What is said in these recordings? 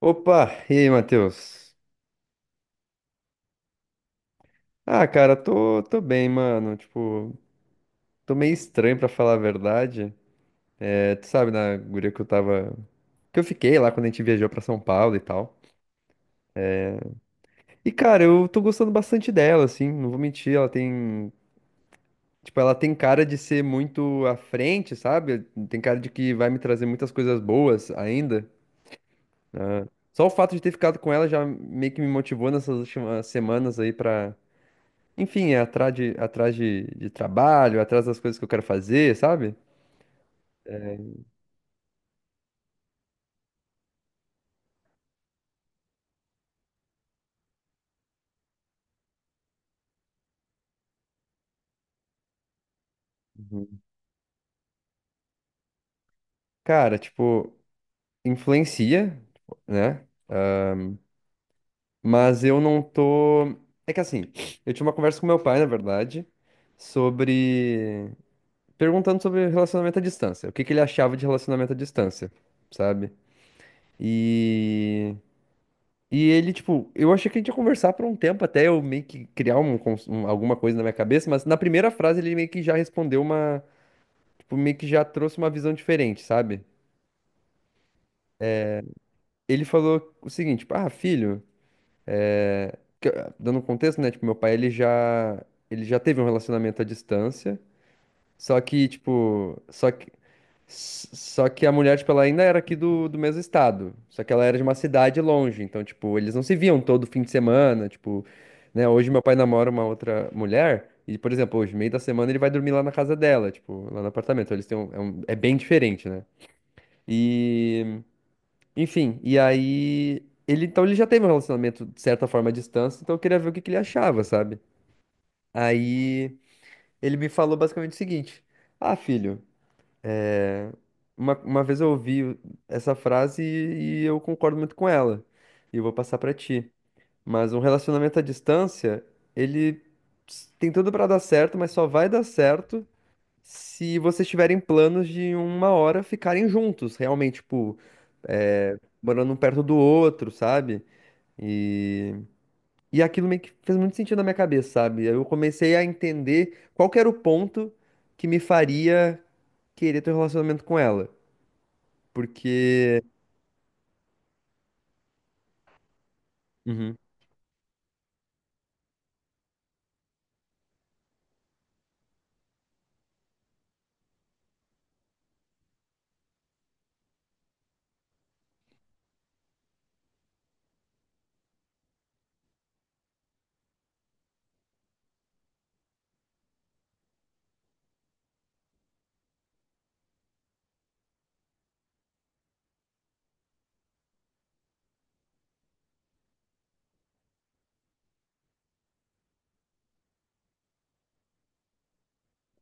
Opa, e aí, Matheus? Ah, cara, tô bem, mano. Tipo, tô meio estranho pra falar a verdade. É, tu sabe, na guria que eu tava. Que eu fiquei lá quando a gente viajou pra São Paulo e tal. E, cara, eu tô gostando bastante dela, assim, não vou mentir, ela tem. Tipo, ela tem cara de ser muito à frente, sabe? Tem cara de que vai me trazer muitas coisas boas ainda. Só o fato de ter ficado com ela já meio que me motivou nessas últimas semanas aí pra enfim, é atrás de trabalho, atrás das coisas que eu quero fazer, sabe? Uhum. Cara, tipo, influencia, né? Mas eu não tô. É que assim, eu tive uma conversa com meu pai, na verdade, sobre. Perguntando sobre relacionamento à distância. O que que ele achava de relacionamento à distância, sabe? E. E ele, tipo, eu achei que a gente ia conversar por um tempo até eu meio que criar um, alguma coisa na minha cabeça, mas na primeira frase ele meio que já respondeu uma tipo, meio que já trouxe uma visão diferente, sabe? Ele falou o seguinte, tipo, ah, filho, que- dando um contexto, né? Tipo, meu pai, ele já teve um relacionamento à distância, só que, tipo, só que, só que a mulher, tipo, ela ainda era aqui do mesmo estado, só que ela era de uma cidade longe, então, tipo, eles não se viam todo fim de semana, tipo, né? Hoje meu pai namora uma outra mulher, e, por exemplo, hoje, meio da semana, ele vai dormir lá na casa dela, tipo, lá no apartamento, então eles têm um, é bem diferente, né? E... Enfim, e aí. Ele, então ele já teve um relacionamento, de certa forma, à distância, então eu queria ver o que que ele achava, sabe? Aí ele me falou basicamente o seguinte: ah, filho, é, uma vez eu ouvi essa frase e eu concordo muito com ela. E eu vou passar pra ti. Mas um relacionamento à distância, ele tem tudo pra dar certo, mas só vai dar certo se vocês tiverem planos de uma hora ficarem juntos, realmente, tipo, é, morando um perto do outro, sabe? E, e aquilo meio que fez muito sentido na minha cabeça, sabe? Eu comecei a entender qual que era o ponto que me faria querer ter um relacionamento com ela. Porque. Uhum,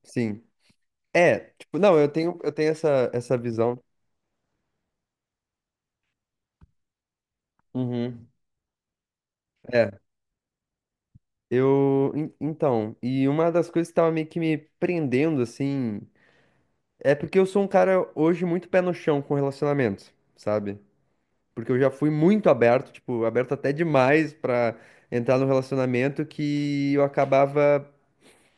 sim. É, tipo, não, eu tenho essa, essa visão. Uhum. É, eu. Então, e uma das coisas que tava meio que me prendendo, assim, é porque eu sou um cara hoje muito pé no chão com relacionamentos, sabe? Porque eu já fui muito aberto, tipo, aberto até demais pra entrar no relacionamento que eu acabava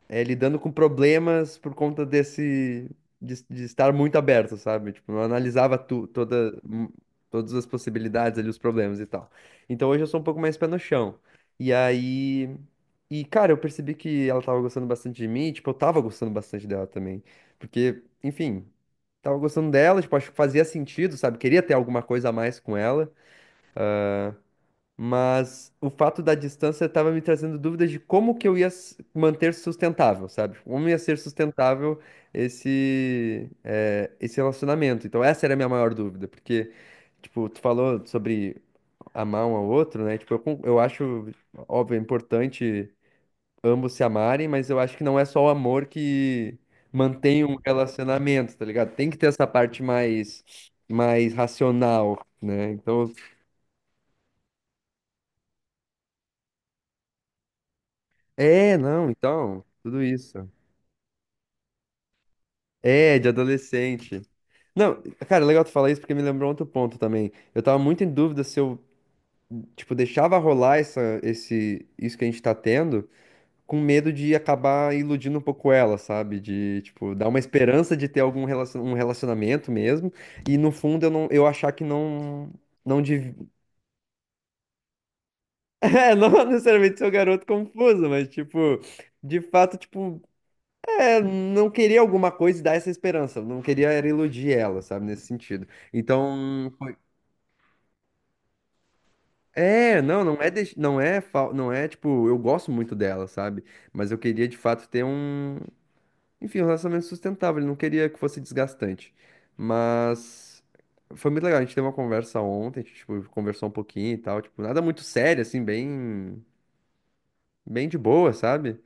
lidando com problemas por conta desse de estar muito aberto, sabe? Tipo, não analisava tu, toda, todas as possibilidades ali, os problemas e tal. Então hoje eu sou um pouco mais pé no chão. E aí. E, cara, eu percebi que ela tava gostando bastante de mim, e, tipo, eu tava gostando bastante dela também. Porque, enfim, tava gostando dela, tipo, acho que fazia sentido, sabe? Queria ter alguma coisa a mais com ela. Mas o fato da distância estava me trazendo dúvidas de como que eu ia manter sustentável, sabe? Como ia ser sustentável esse, esse relacionamento. Então, essa era a minha maior dúvida, porque, tipo, tu falou sobre amar um ao outro, né? Tipo, eu, eu acho, óbvio, é importante ambos se amarem, mas eu acho que não é só o amor que mantém um relacionamento, tá ligado? Tem que ter essa parte mais, mais racional, né? Então, é, não, então, tudo isso. É, de adolescente. Não, cara, é legal tu falar isso porque me lembrou outro ponto também. Eu tava muito em dúvida se eu, tipo, deixava rolar essa, esse, isso que a gente tá tendo, com medo de acabar iludindo um pouco ela, sabe? De, tipo, dar uma esperança de ter algum relacion, um relacionamento mesmo, e no fundo eu não, eu achar que não, não dev... É, não necessariamente ser o garoto confuso, mas, tipo, de fato, tipo. Não queria alguma coisa e dar essa esperança. Não queria era iludir ela, sabe, nesse sentido. Então, é, não, não é tipo, eu gosto muito dela, sabe? Mas eu queria de fato ter um, enfim, um relacionamento sustentável. Eu não queria que fosse desgastante. Mas foi muito legal. A gente teve uma conversa ontem, a gente, tipo, conversou um pouquinho e tal, tipo, nada muito sério, assim, bem, bem de boa, sabe?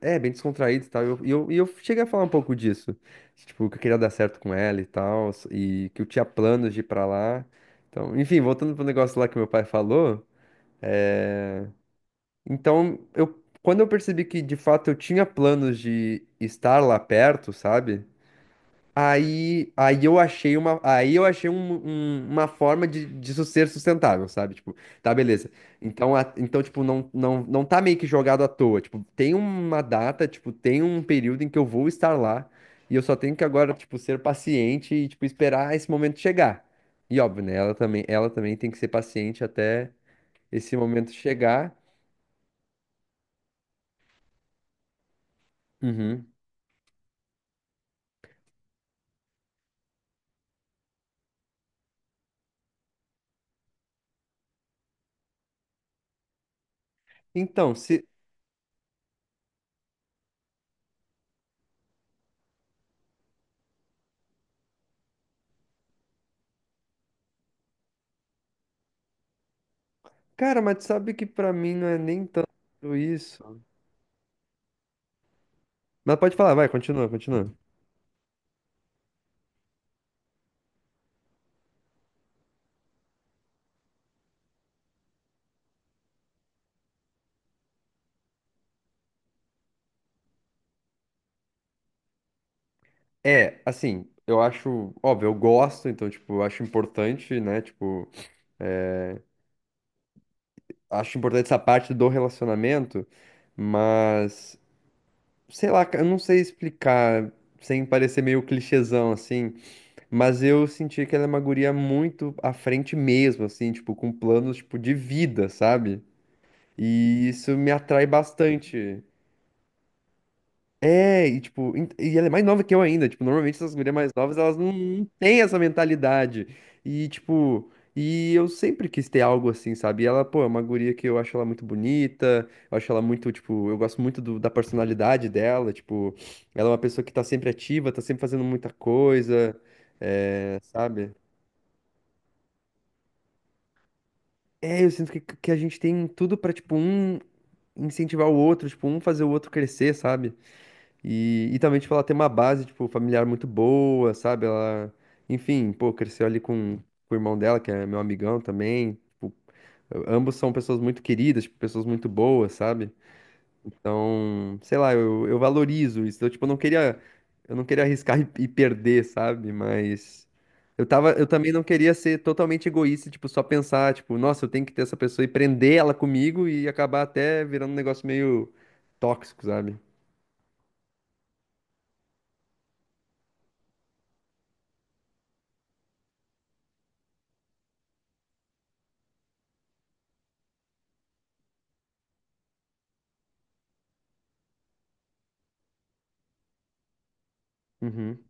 É, bem descontraído e tal. E eu cheguei a falar um pouco disso. Tipo, que eu queria dar certo com ela e tal. E que eu tinha planos de ir pra lá. Então, enfim, voltando pro negócio lá que meu pai falou. Então, eu, quando eu percebi que de fato eu tinha planos de estar lá perto, sabe? Aí eu achei uma, aí eu achei uma forma de, disso ser sustentável, sabe? Tipo, tá, beleza. Então, então tipo, não tá meio que jogado à toa. Tipo, tem uma data, tipo, tem um período em que eu vou estar lá e eu só tenho que agora, tipo, ser paciente e, tipo, esperar esse momento chegar. E óbvio, né? Ela também tem que ser paciente até esse momento chegar. Uhum. Então, se... Cara, mas tu sabe que pra mim não é nem tanto isso. Mas pode falar, vai, continua, continua. É, assim, eu acho, óbvio, eu gosto, então, tipo, eu acho importante, né? Tipo, acho importante essa parte do relacionamento, mas, sei lá, eu não sei explicar, sem parecer meio clichêzão, assim, mas eu senti que ela é uma guria muito à frente mesmo, assim, tipo, com planos, tipo, de vida, sabe? E isso me atrai bastante. É, e tipo, e ela é mais nova que eu ainda, tipo, normalmente essas mulheres mais novas, elas não têm essa mentalidade. E tipo, e eu sempre quis ter algo assim, sabe? E ela, pô, é uma guria que eu acho ela muito bonita, eu acho ela muito, tipo, eu gosto muito da personalidade dela, tipo, ela é uma pessoa que tá sempre ativa, tá sempre fazendo muita coisa, é, sabe? É, eu sinto que a gente tem tudo pra, tipo, um incentivar o outro, tipo, um fazer o outro crescer, sabe? E também, tipo, ela tem uma base, tipo, familiar muito boa, sabe? Ela, enfim, pô, cresceu ali com o irmão dela, que é meu amigão também. Tipo, ambos são pessoas muito queridas, tipo, pessoas muito boas, sabe? Então, sei lá, eu valorizo isso. Eu, tipo, não queria, eu não queria arriscar e perder, sabe? Mas eu tava, eu também não queria ser totalmente egoísta, tipo, só pensar, tipo, nossa, eu tenho que ter essa pessoa e prender ela comigo e acabar até virando um negócio meio tóxico, sabe? Uhum.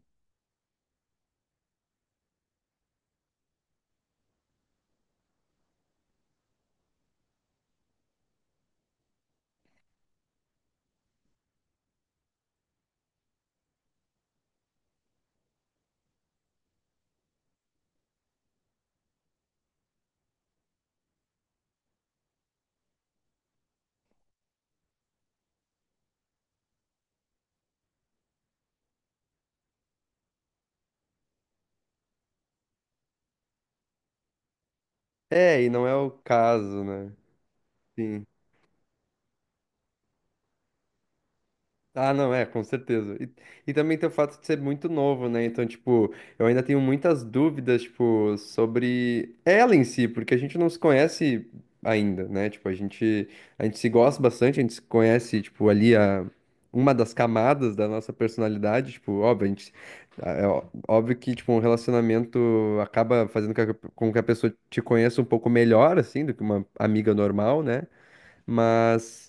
É, e não é o caso, né? Sim. Ah, não, é, com certeza. E também tem o fato de ser muito novo, né? Então, tipo, eu ainda tenho muitas dúvidas, tipo, sobre ela em si, porque a gente não se conhece ainda, né? Tipo, a gente se gosta bastante, a gente se conhece, tipo, ali a, uma das camadas da nossa personalidade, tipo, óbvio, a gente, é ó- óbvio que, tipo, um relacionamento acaba fazendo com que a pessoa te conheça um pouco melhor, assim, do que uma amiga normal, né? Mas.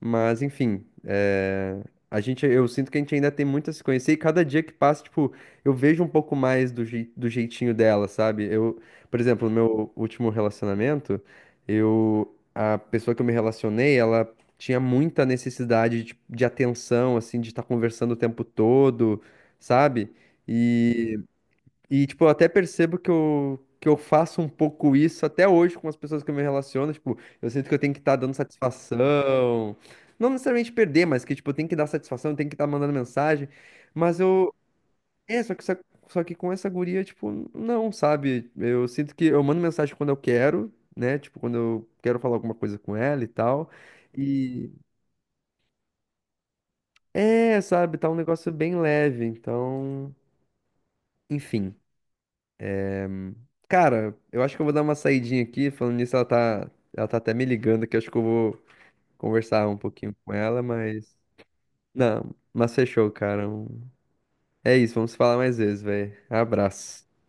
Mas, enfim, a gente, eu sinto que a gente ainda tem muito a se conhecer e cada dia que passa, tipo, eu vejo um pouco mais do, do jeitinho dela, sabe? Eu, por exemplo, no meu último relacionamento, eu, a pessoa que eu me relacionei, ela tinha muita necessidade de atenção, assim, de estar conversando o tempo todo, sabe? E tipo, eu até percebo que eu faço um pouco isso até hoje com as pessoas que eu me relaciono. Tipo, eu sinto que eu tenho que estar dando satisfação. Não necessariamente perder, mas que, tipo, eu tenho que dar satisfação, eu tenho que estar mandando mensagem. Mas eu. É, só que, só que com essa guria, tipo, não, sabe? Eu sinto que eu mando mensagem quando eu quero, né? Tipo, quando eu quero falar alguma coisa com ela e tal. E. É, sabe? Tá um negócio bem leve. Então, enfim. Cara, eu acho que eu vou dar uma saidinha aqui. Falando nisso, ela tá até me ligando aqui. Acho que eu vou conversar um pouquinho com ela, mas. Não, mas fechou, cara. Um- é isso, vamos se falar mais vezes, velho. Abraço.